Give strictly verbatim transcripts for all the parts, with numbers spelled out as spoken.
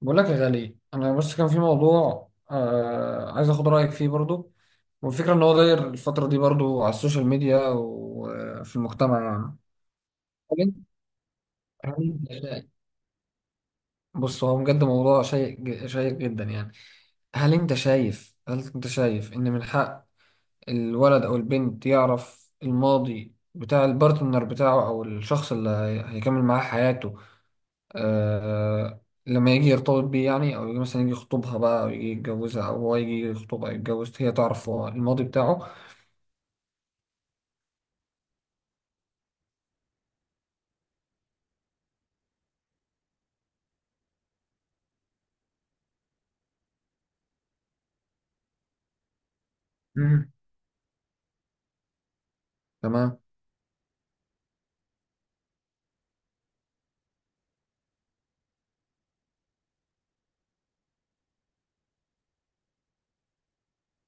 بقول لك يا غالي، انا بس كان في موضوع آه عايز اخد رايك فيه برضو. والفكره ان هو داير الفتره دي برضو على السوشيال ميديا وفي المجتمع يعني. هل انت هل انت شايف؟ بص، هو بجد موضوع شيق شيق جدا يعني. هل انت شايف هل انت شايف ان من حق الولد او البنت يعرف الماضي بتاع البارتنر بتاعه، او الشخص اللي هي- هيكمل معاه حياته، آه لما يجي يرتبط بيه يعني، او يجي مثلا يجي يخطبها بقى، او يجي يتجوزها، او هو يجي يخطبها او يتجوز، هي تعرف هو الماضي بتاعه. مم. تمام،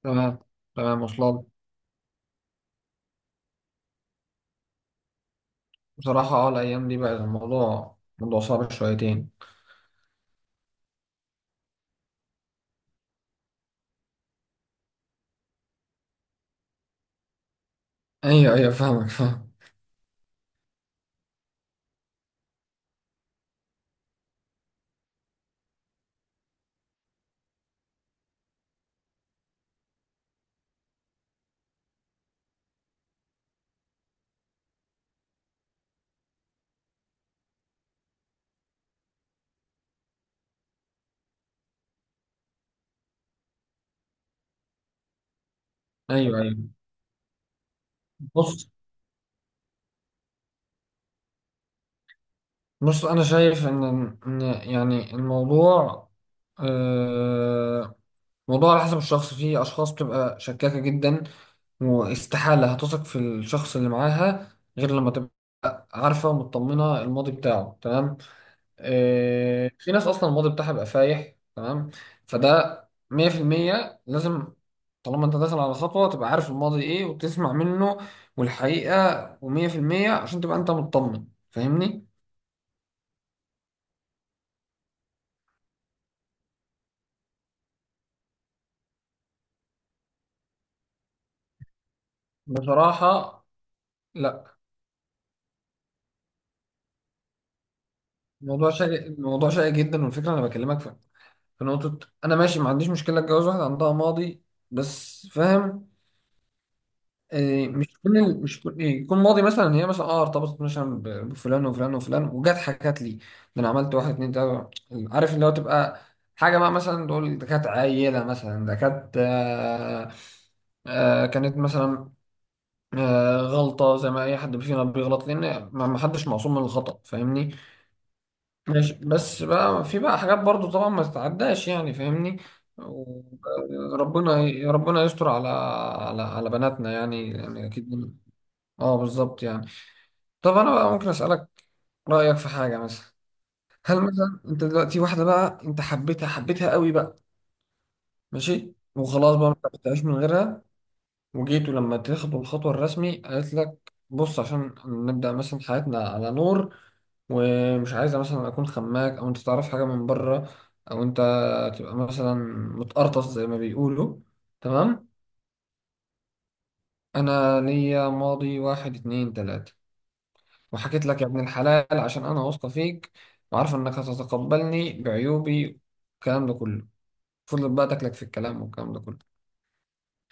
تمام، تمام، وصلت. بصراحة، اه الأيام دي بقى الموضوع موضوع صعب شويتين. أيوه، أيوه، فاهمك فاهم. أيوه، أيوه. بص، بص، أنا شايف إن إن يعني الموضوع، آه، الموضوع على حسب الشخص. في أشخاص بتبقى شكاكة جدا واستحالة هتثق في الشخص اللي معاها غير لما تبقى عارفة ومطمنة الماضي بتاعه تمام. آه في ناس أصلا الماضي بتاعها بيبقى فايح تمام. فده مية في المية لازم. طالما أنت داخل على خطوة تبقى عارف الماضي إيه وتسمع منه، والحقيقة ومية في المية عشان تبقى أنت مطمن، فاهمني؟ بصراحة، لا. الموضوع شائك، الموضوع شائك جدا، والفكرة أنا بكلمك في في نقطة. أنا ماشي، ما عنديش مشكلة أتجوز واحدة عندها ماضي، بس فاهم، إيه، مش كل ال- مش كل، إيه، يكون ماضي. مثلا هي مثلا اه ارتبطت مثلا ب- بفلان وفلان وفلان، وجت حكت لي ده انا عملت واحد اتنين تلاته. عارف، اللي هو تبقى حاجه بقى، مثلا تقول ده كانت عيله مثلا، ده كانت، آه آه كانت مثلا، آه غلطه زي ما اي حد فينا بيغلط، لان ما ما حدش معصوم من الخطا، فاهمني؟ ماشي، بس بقى في بقى حاجات برضو طبعا ما تتعداش يعني، فاهمني. ربنا ربنا يستر على على على بناتنا يعني، يعني اكيد. اه، بالظبط يعني. طب انا بقى ممكن اسالك رايك في حاجه مثلا؟ هل مثلا انت دلوقتي واحده بقى انت حبيتها، حبيتها قوي بقى، ماشي وخلاص بقى ما بتعيش من غيرها، وجيت ولما تاخد الخطوة الرسمي، قالت لك بص، عشان نبدأ مثلا حياتنا على نور، ومش عايزة مثلا أكون خماك أو أنت تعرف حاجة من بره، أو أنت تبقى مثلا متقرطص زي ما بيقولوا، تمام، أنا ليا ماضي واحد اتنين تلاتة، وحكيت لك يا ابن الحلال عشان أنا واثقة فيك وعارفة إنك هتتقبلني بعيوبي، الكلام ده كله، فضلت بقى تاكلك في الكلام والكلام ده كله.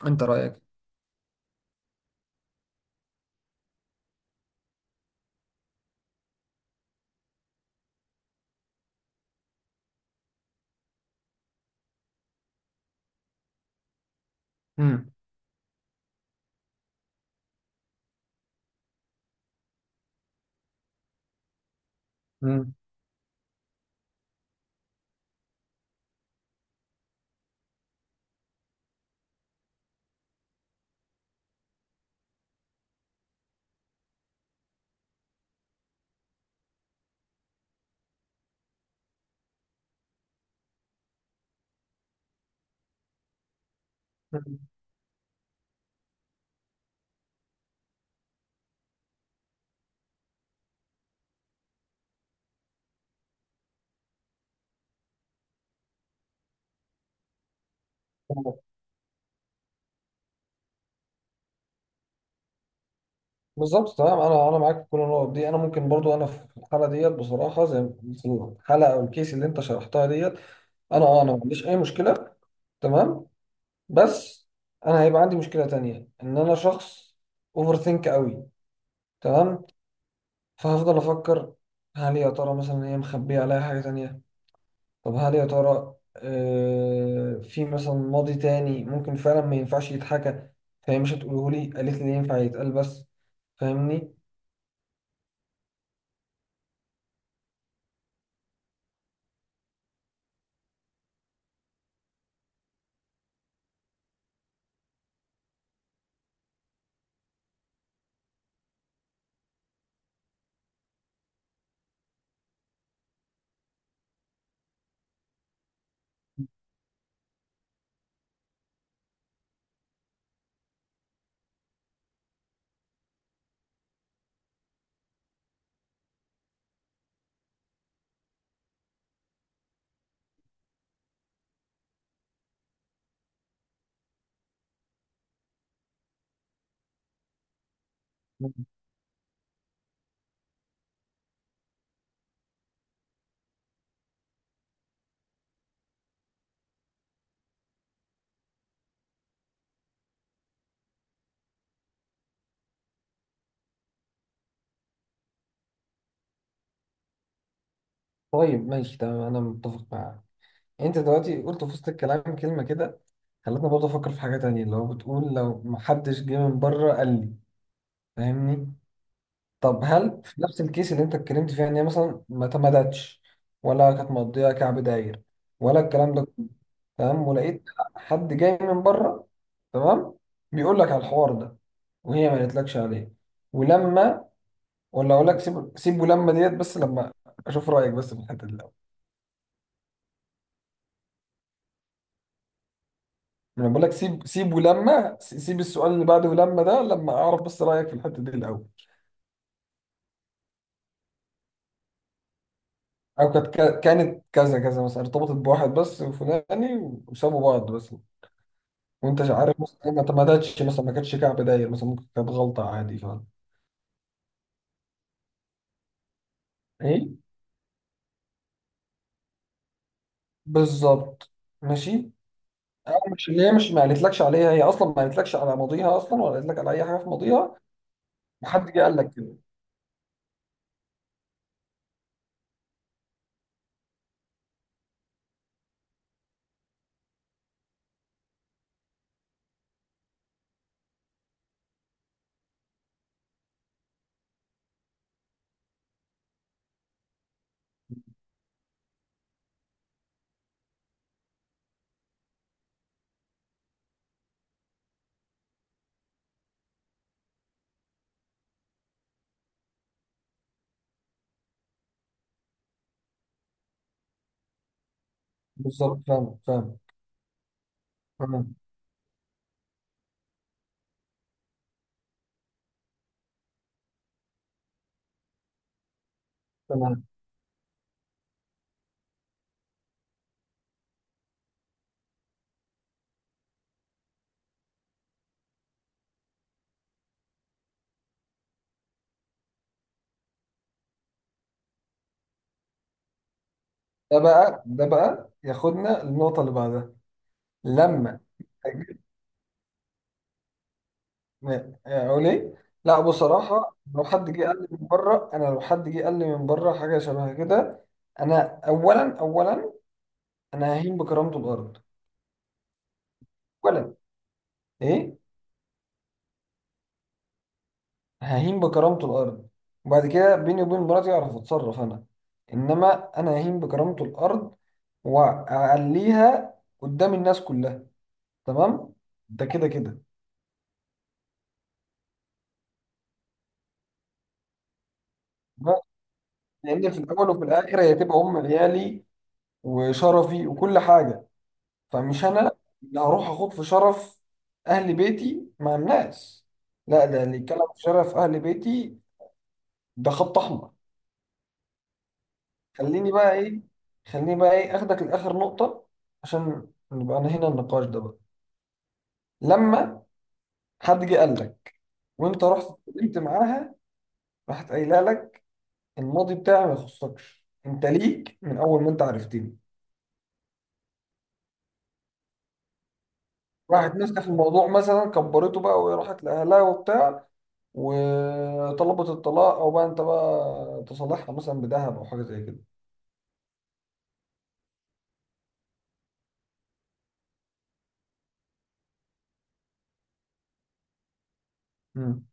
أنت رأيك؟ مم. مم. بالظبط تمام. انا انا معاك في كل النقط دي. انا ممكن برضو انا في الحاله ديت بصراحه، زي ما- في الحلقه او الكيس اللي انت شرحتها ديت، انا اه انا ما عنديش اي مشكله، تمام. بس انا هيبقى عندي مشكله تانية، ان انا شخص اوفر ثينك قوي، تمام. فهفضل افكر، هل يا ترى مثلا هي مخبيه عليا حاجه تانية؟ طب هل يا ترى آه في مثلا ماضي تاني ممكن فعلا ما ينفعش يتحكى، فهي مش هتقوله لي، قالت لي ينفع يتقال بس، فاهمني؟ طيب، ماشي، تمام، انا متفق معاك. انت دلوقتي قلت في وسط الكلام كلمه كده خلتني برضه افكر في حاجه تانية، اللي هو بتقول لو محدش جه من بره قال لي، فاهمني؟ طب هل في نفس الكيس اللي انت اتكلمت فيها، ان هي مثلا ما تمدتش ولا كانت مقضيه كعب داير، ولا الكلام ده كله، تمام، ولقيت حد جاي من بره، تمام، بيقول لك على الحوار ده، وهي ما قالتلكش عليه. ولما، ولا اقول لك سيب، سيب ولما ديت بس لما اشوف رايك بس في الحته دي الأول. انا بقول لك سيب، سيب ولما سيب السؤال اللي بعده، ولما ده، لما اعرف بس رايك في الحته دي الاول. او كانت، ك- كانت كذا كذا، مثلا ارتبطت بواحد بس وفلاني، وسابوا بعض بس، وانت مش عارف مثلا ما تمدتش، مثلا ما كانتش كعب داير، مثلا ممكن كانت غلطه عادي، فاهم؟ ايه، بالظبط، ماشي. أو مش اللي هي مش ما قالتلكش عليها، هي اصلا ما قالتلكش على ماضيها اصلا، ولا قالت لك على اي حاجه في ماضيها، وحد جه قال لك كده، بالظبط، فاهم فاهم. تمام، تمام. ده بقى ده بقى ياخدنا للنقطه اللي بعدها. لما اقول ايه؟ لا بصراحه، لو حد جه قال لي من بره انا لو حد جه قال لي من بره حاجه شبه كده، انا اولا، اولا انا ههين بكرامته الارض. اولا، ايه، ههين بكرامته الارض. وبعد كده، بيني وبين مراتي، اعرف اتصرف انا. انما انا ههين بكرامته الارض، واعليها قدام الناس كلها، تمام، ده كده كده. لان في الاول وفي الاخر هي تبقى ام عيالي وشرفي وكل حاجه، فمش انا اللي هروح اخوض في شرف اهل بيتي مع الناس، لا، ده اللي يتكلم في شرف اهل بيتي، ده خط احمر. خليني بقى ايه خليني بقى، ايه، اخدك لاخر نقطة، عشان نبقى انا هنا النقاش ده بقى. لما حد جه قال لك وانت رحت اتكلمت معاها، راحت قايله لك الماضي بتاعي ما يخصكش، انت ليك من اول ما انت عرفتني، راحت ماسكه في الموضوع مثلا كبرته بقى، وراحت لاهلها وبتاع وطلبت الطلاق، او بقى انت بقى تصالحها مثلا بذهب او حاجه زي كده. مم.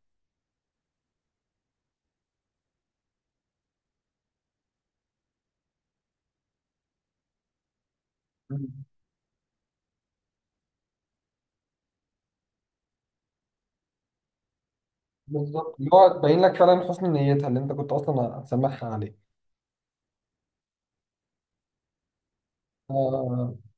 مم. بالظبط، اللي هو تبين لك فعلا حسن نيتها اللي انت كنت اصلا هتسامحها عليه. آه، آه.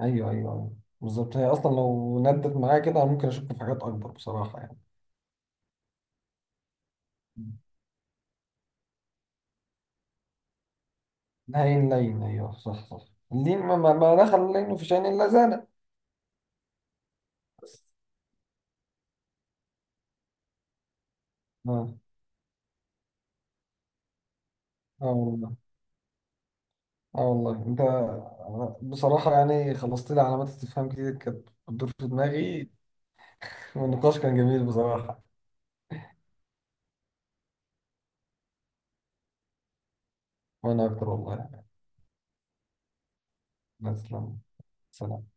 ايوه، ايوه، أيوة. بالظبط، هي اصلا لو ندت معايا كده، انا ممكن اشك في حاجات اكبر بصراحه، يعني. مم. لين لين، ايوه، صح، صح. اللين، ما, ما ما دخل اللين في شأن الا زانه. اه. اه والله. اه والله انت، بصراحه يعني، خلصت لي علامات استفهام كتير كانت بتدور في دماغي. والنقاش كان جميل بصراحة. وأنا أكتر والله. تسلم. سلام.